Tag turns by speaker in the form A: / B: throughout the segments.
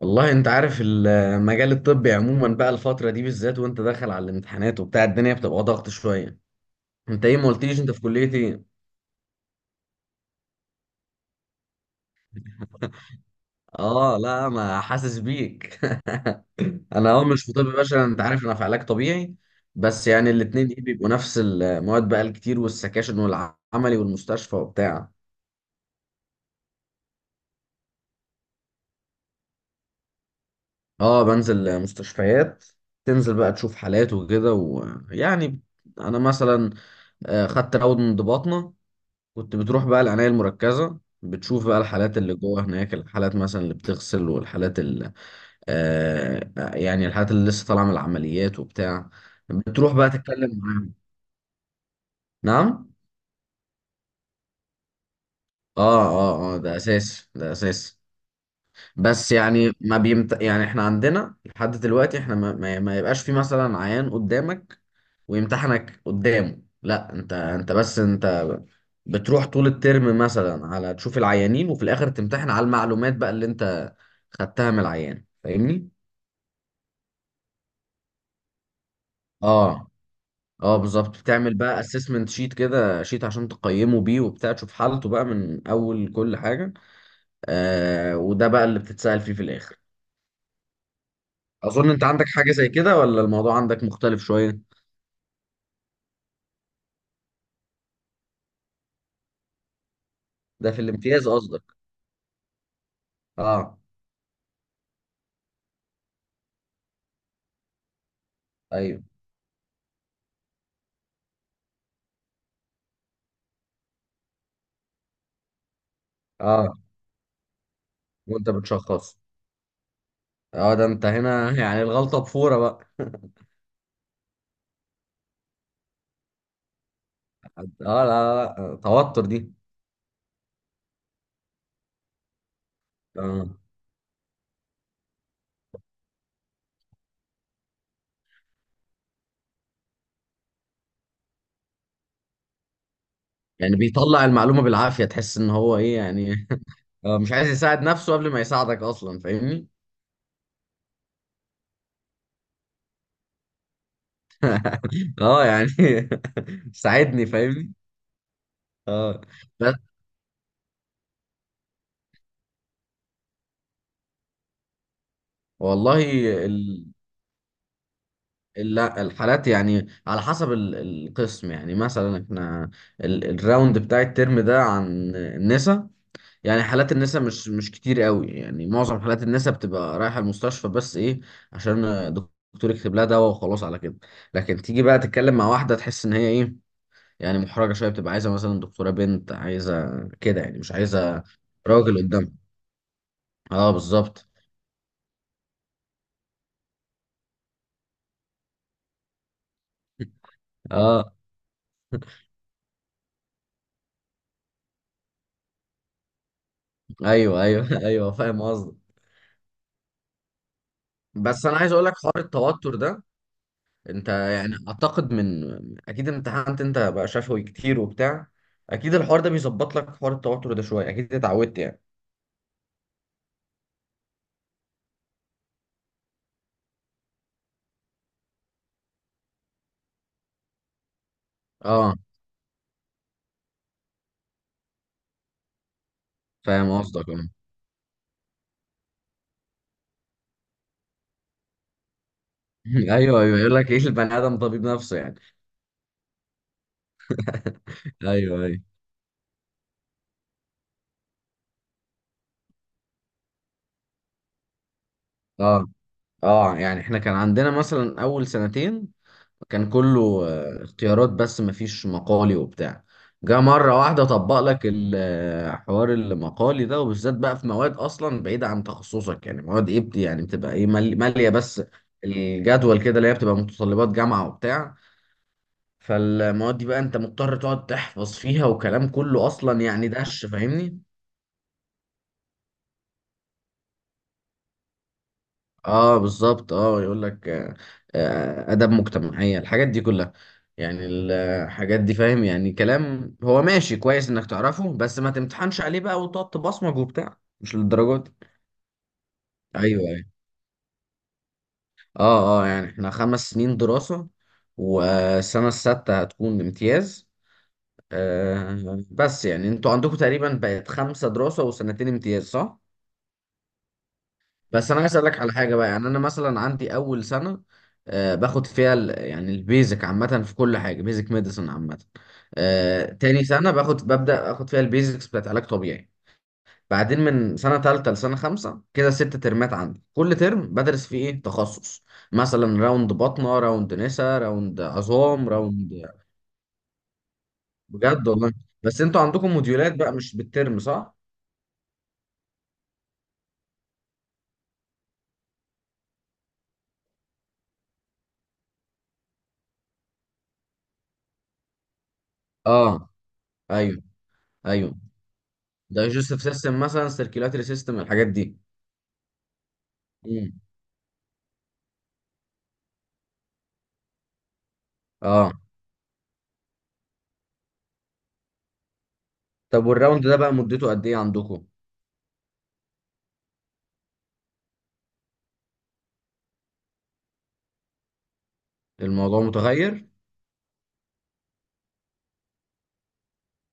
A: والله انت عارف المجال الطبي عموما بقى، الفترة دي بالذات وانت داخل على الامتحانات وبتاع الدنيا بتبقى ضغط شوية. انت ايه؟ ما قلتليش انت في كلية ايه؟ اه لا، ما حاسس بيك. انا مش في طب بشري، انت عارف انا في علاج طبيعي. بس يعني الاتنين ايه بيبقوا نفس المواد بقى، الكتير والسكاشن والعملي والمستشفى وبتاع. اه، بنزل مستشفيات. تنزل بقى تشوف حالات وكده ويعني انا مثلا خدت راود من ضباطنا. كنت بتروح بقى العناية المركزة، بتشوف بقى الحالات اللي جوه هناك، الحالات مثلا اللي بتغسل، والحالات اللي يعني الحالات اللي لسه طالعة من العمليات وبتاع. بتروح بقى تتكلم معاهم. نعم. اه، اه، اه، ده اساسي، ده اساسي. بس يعني ما بيمت... يعني احنا عندنا لحد دلوقتي احنا ما يبقاش في مثلا عيان قدامك ويمتحنك قدامه، لا انت بس انت. بتروح طول الترم مثلا على تشوف العيانين، وفي الاخر تمتحن على المعلومات بقى اللي انت خدتها من العيان، فاهمني؟ اه، اه، بالظبط، بتعمل بقى اسسمنت شيت كده، شيت عشان تقيمه بيه وبتاع، تشوف حالته بقى من اول كل حاجة. وده بقى اللي بتتسأل فيه في الاخر. اظن انت عندك حاجة زي كده، ولا الموضوع عندك مختلف شوية؟ ده في الامتياز قصدك؟ اه. ايوه، اه. وانت بتشخص؟ اه، ده انت هنا يعني الغلطه بفوره بقى. اه، لا لا لا، توتر دي. اه، يعني بيطلع المعلومه بالعافيه، تحس ان هو ايه يعني. مش عايز يساعد نفسه قبل ما يساعدك اصلا، فاهمني؟ اه يعني. ساعدني، فاهمني؟ اه، بس والله ال... لا الحالات يعني على حسب القسم، يعني مثلا احنا الراوند بتاع الترم ده عن النسا. يعني حالات النساء مش كتير قوي، يعني معظم حالات النساء بتبقى رايحة المستشفى بس ايه، عشان الدكتور يكتب لها دواء وخلاص على كده. لكن تيجي بقى تتكلم مع واحدة، تحس ان هي ايه، يعني محرجة شوية، بتبقى عايزة مثلا دكتورة بنت، عايزة كده يعني مش عايزة راجل قدامها. اه، بالظبط، اه. ايوه، ايوه، ايوه، فاهم قصدك. بس انا عايز اقول لك حوار التوتر ده. انت يعني اعتقد من، اكيد امتحنت انت بقى شفوي كتير وبتاع، اكيد الحوار ده بيظبط لك حوار التوتر ده شوية، اكيد اتعودت يعني. اه، فاهم قصدك، اه. ايوه، ايوه، يقول لك ايه، البني ادم طبيب نفسه يعني. ايوه، ايوه. اه، اه، يعني احنا كان عندنا مثلا اول سنتين كان كله اختيارات، بس مفيش مقالي وبتاع. جه مرة واحدة طبق لك حوار المقالي ده، وبالذات بقى في مواد اصلا بعيدة عن تخصصك، يعني مواد ايه يعني بتبقى ايه مالية بس، الجدول كده اللي هي بتبقى متطلبات جامعة وبتاع. فالمواد دي بقى انت مضطر تقعد تحفظ فيها وكلام كله اصلا يعني دش، فاهمني؟ اه، بالظبط، اه، يقول لك اداب مجتمعيه، الحاجات دي كلها. يعني الحاجات دي فاهم، يعني كلام هو ماشي كويس انك تعرفه، بس ما تمتحنش عليه بقى وتقعد تبصمج وبتاع، مش للدرجه دي. ايوه، ايوه. اه، اه، يعني احنا 5 سنين دراسه، والسنه السادسه هتكون امتياز. بس يعني انتوا عندكم تقريبا بقت خمسه دراسه وسنتين امتياز، صح؟ بس انا عايز اسالك على حاجه بقى، يعني انا مثلا عندي اول سنه باخد فيها يعني البيزك عامه، في كل حاجه بيزك ميديسن عامه. تاني سنه ببدا اخد فيها البيزكس بتاعت علاج طبيعي. بعدين من سنه تالته لسنه خمسه كده، 6 ترمات عندي، كل ترم بدرس فيه ايه تخصص، مثلا راوند بطنه، راوند نسا، راوند عظام، راوند. بجد والله؟ بس انتوا عندكم موديولات بقى مش بالترم، صح؟ اه، ايوه، ايوه، ده جوزيف سيستم مثلا، سيركيلاتري سيستم، الحاجات دي. اه، طب والراوند ده بقى مدته قد ايه عندكم؟ الموضوع متغير.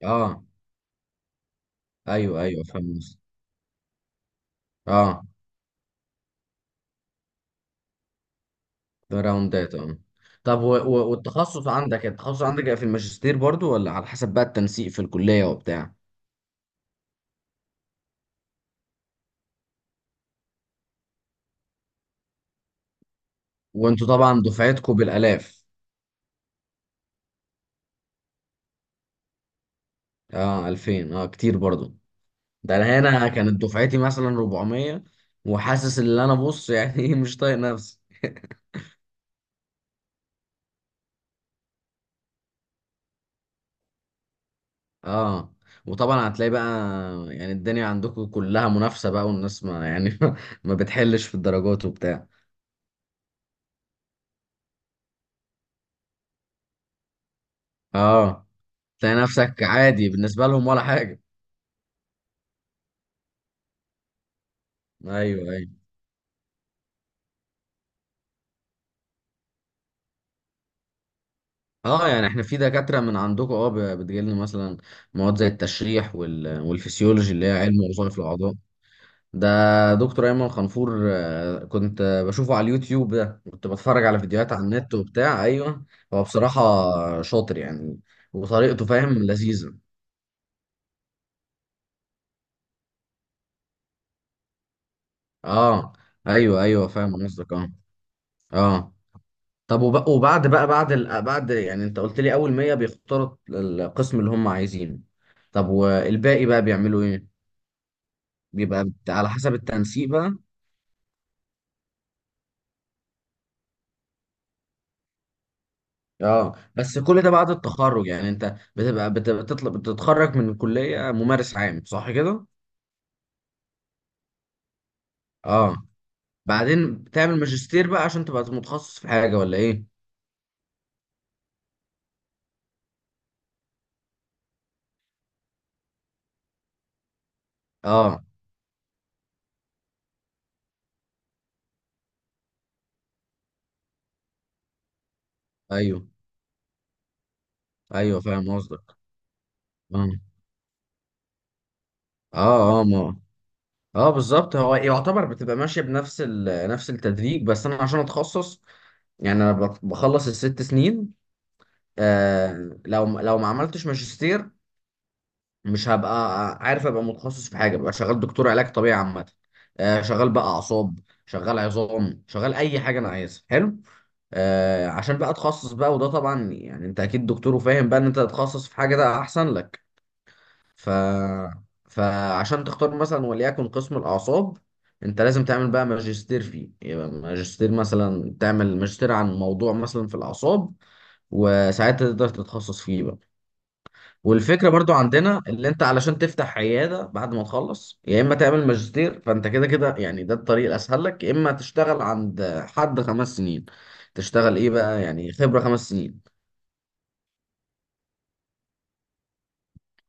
A: اه، ايوه، ايوه، فاهم. اه، ده راوندات، اه. طب والتخصص عندك بقى في الماجستير برضو، ولا على حسب بقى التنسيق في الكلية وبتاع؟ وانتوا طبعا دفعتكم بالالاف. اه، 2000، اه كتير برضو. ده انا هنا كانت دفعتي مثلا 400، وحاسس ان انا بص يعني ايه، مش طايق نفسي. اه، وطبعا هتلاقي بقى، يعني الدنيا عندكم كلها منافسة بقى، والناس ما يعني ما بتحلش في الدرجات وبتاع. اه، تلاقي نفسك عادي بالنسبة لهم، ولا حاجة. ايوه، ايوه. اه، يعني احنا في دكاترة من عندكم، بتجيلنا مثلا مواد زي التشريح والفسيولوجي اللي هي علم وظائف الأعضاء. ده دكتور ايمن خنفور، كنت بشوفه على اليوتيوب، ده كنت بتفرج على فيديوهات على النت وبتاع، ايوه. هو بصراحة شاطر يعني. وطريقته فاهم لذيذة. اه، ايوه، ايوه، فاهم قصدك، اه، اه. طب وبعد بقى بعد يعني انت قلت لي اول 100 بيختاروا القسم اللي هم عايزينه. طب والباقي بقى بيعملوا ايه؟ بيبقى على حسب التنسيق بقى. اه، بس كل ده بعد التخرج، يعني انت بتبقى بتطلب بتتخرج من الكلية ممارس عام، صح كده؟ اه، بعدين بتعمل ماجستير بقى عشان تبقى متخصص في حاجة ولا ايه؟ اه، ايوه، ايوه، فاهم قصدك، اه، اه، اه، ما، اه، بالظبط هو يعتبر بتبقى ماشيه بنفس نفس التدريج، بس انا عشان اتخصص، يعني انا بخلص الست سنين. لو ما عملتش ماجستير، مش هبقى عارف ابقى متخصص في حاجه، ببقى شغال دكتور علاج طبيعي عامه. شغال بقى اعصاب، شغال عظام، شغال اي حاجه انا عايزها، حلو. عشان بقى اتخصص بقى، وده طبعا يعني انت اكيد دكتور وفاهم بقى ان انت تتخصص في حاجه، ده احسن لك. ف... فعشان تختار مثلا وليكن قسم الأعصاب، أنت لازم تعمل بقى ماجستير فيه، يبقى ماجستير مثلا تعمل ماجستير عن موضوع مثلا في الأعصاب، وساعتها تقدر تتخصص فيه بقى. والفكرة برضو عندنا اللي انت علشان تفتح عيادة بعد ما تخلص، يا اما تعمل ماجستير، فانت كده كده يعني، ده الطريق الاسهل لك، يا اما تشتغل عند حد 5 سنين، تشتغل ايه بقى، يعني خبرة 5 سنين.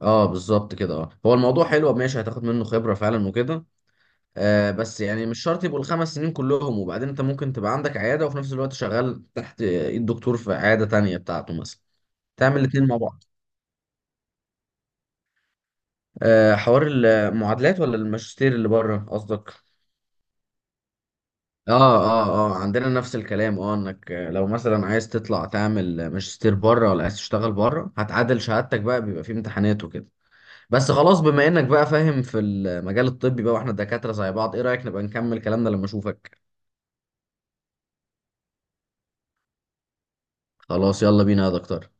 A: اه، بالظبط كده، اه، هو الموضوع حلو ماشي، هتاخد منه خبرة فعلا وكده. بس يعني مش شرط يبقوا الخمس سنين كلهم، وبعدين انت ممكن تبقى عندك عيادة، وفي نفس الوقت شغال تحت ايد دكتور في عيادة تانية بتاعته مثلا، تعمل الاتنين مع بعض. حوار المعادلات ولا الماجستير اللي بره قصدك؟ اه، اه، اه، عندنا نفس الكلام، اه، انك لو مثلا عايز تطلع تعمل ماجستير بره، ولا عايز تشتغل بره، هتعادل شهادتك بقى، بيبقى في امتحانات وكده. بس خلاص، بما انك بقى فاهم في المجال الطبي بقى، واحنا دكاترة زي بعض، ايه رأيك نبقى نكمل كلامنا لما اشوفك؟ خلاص يلا بينا يا دكتور.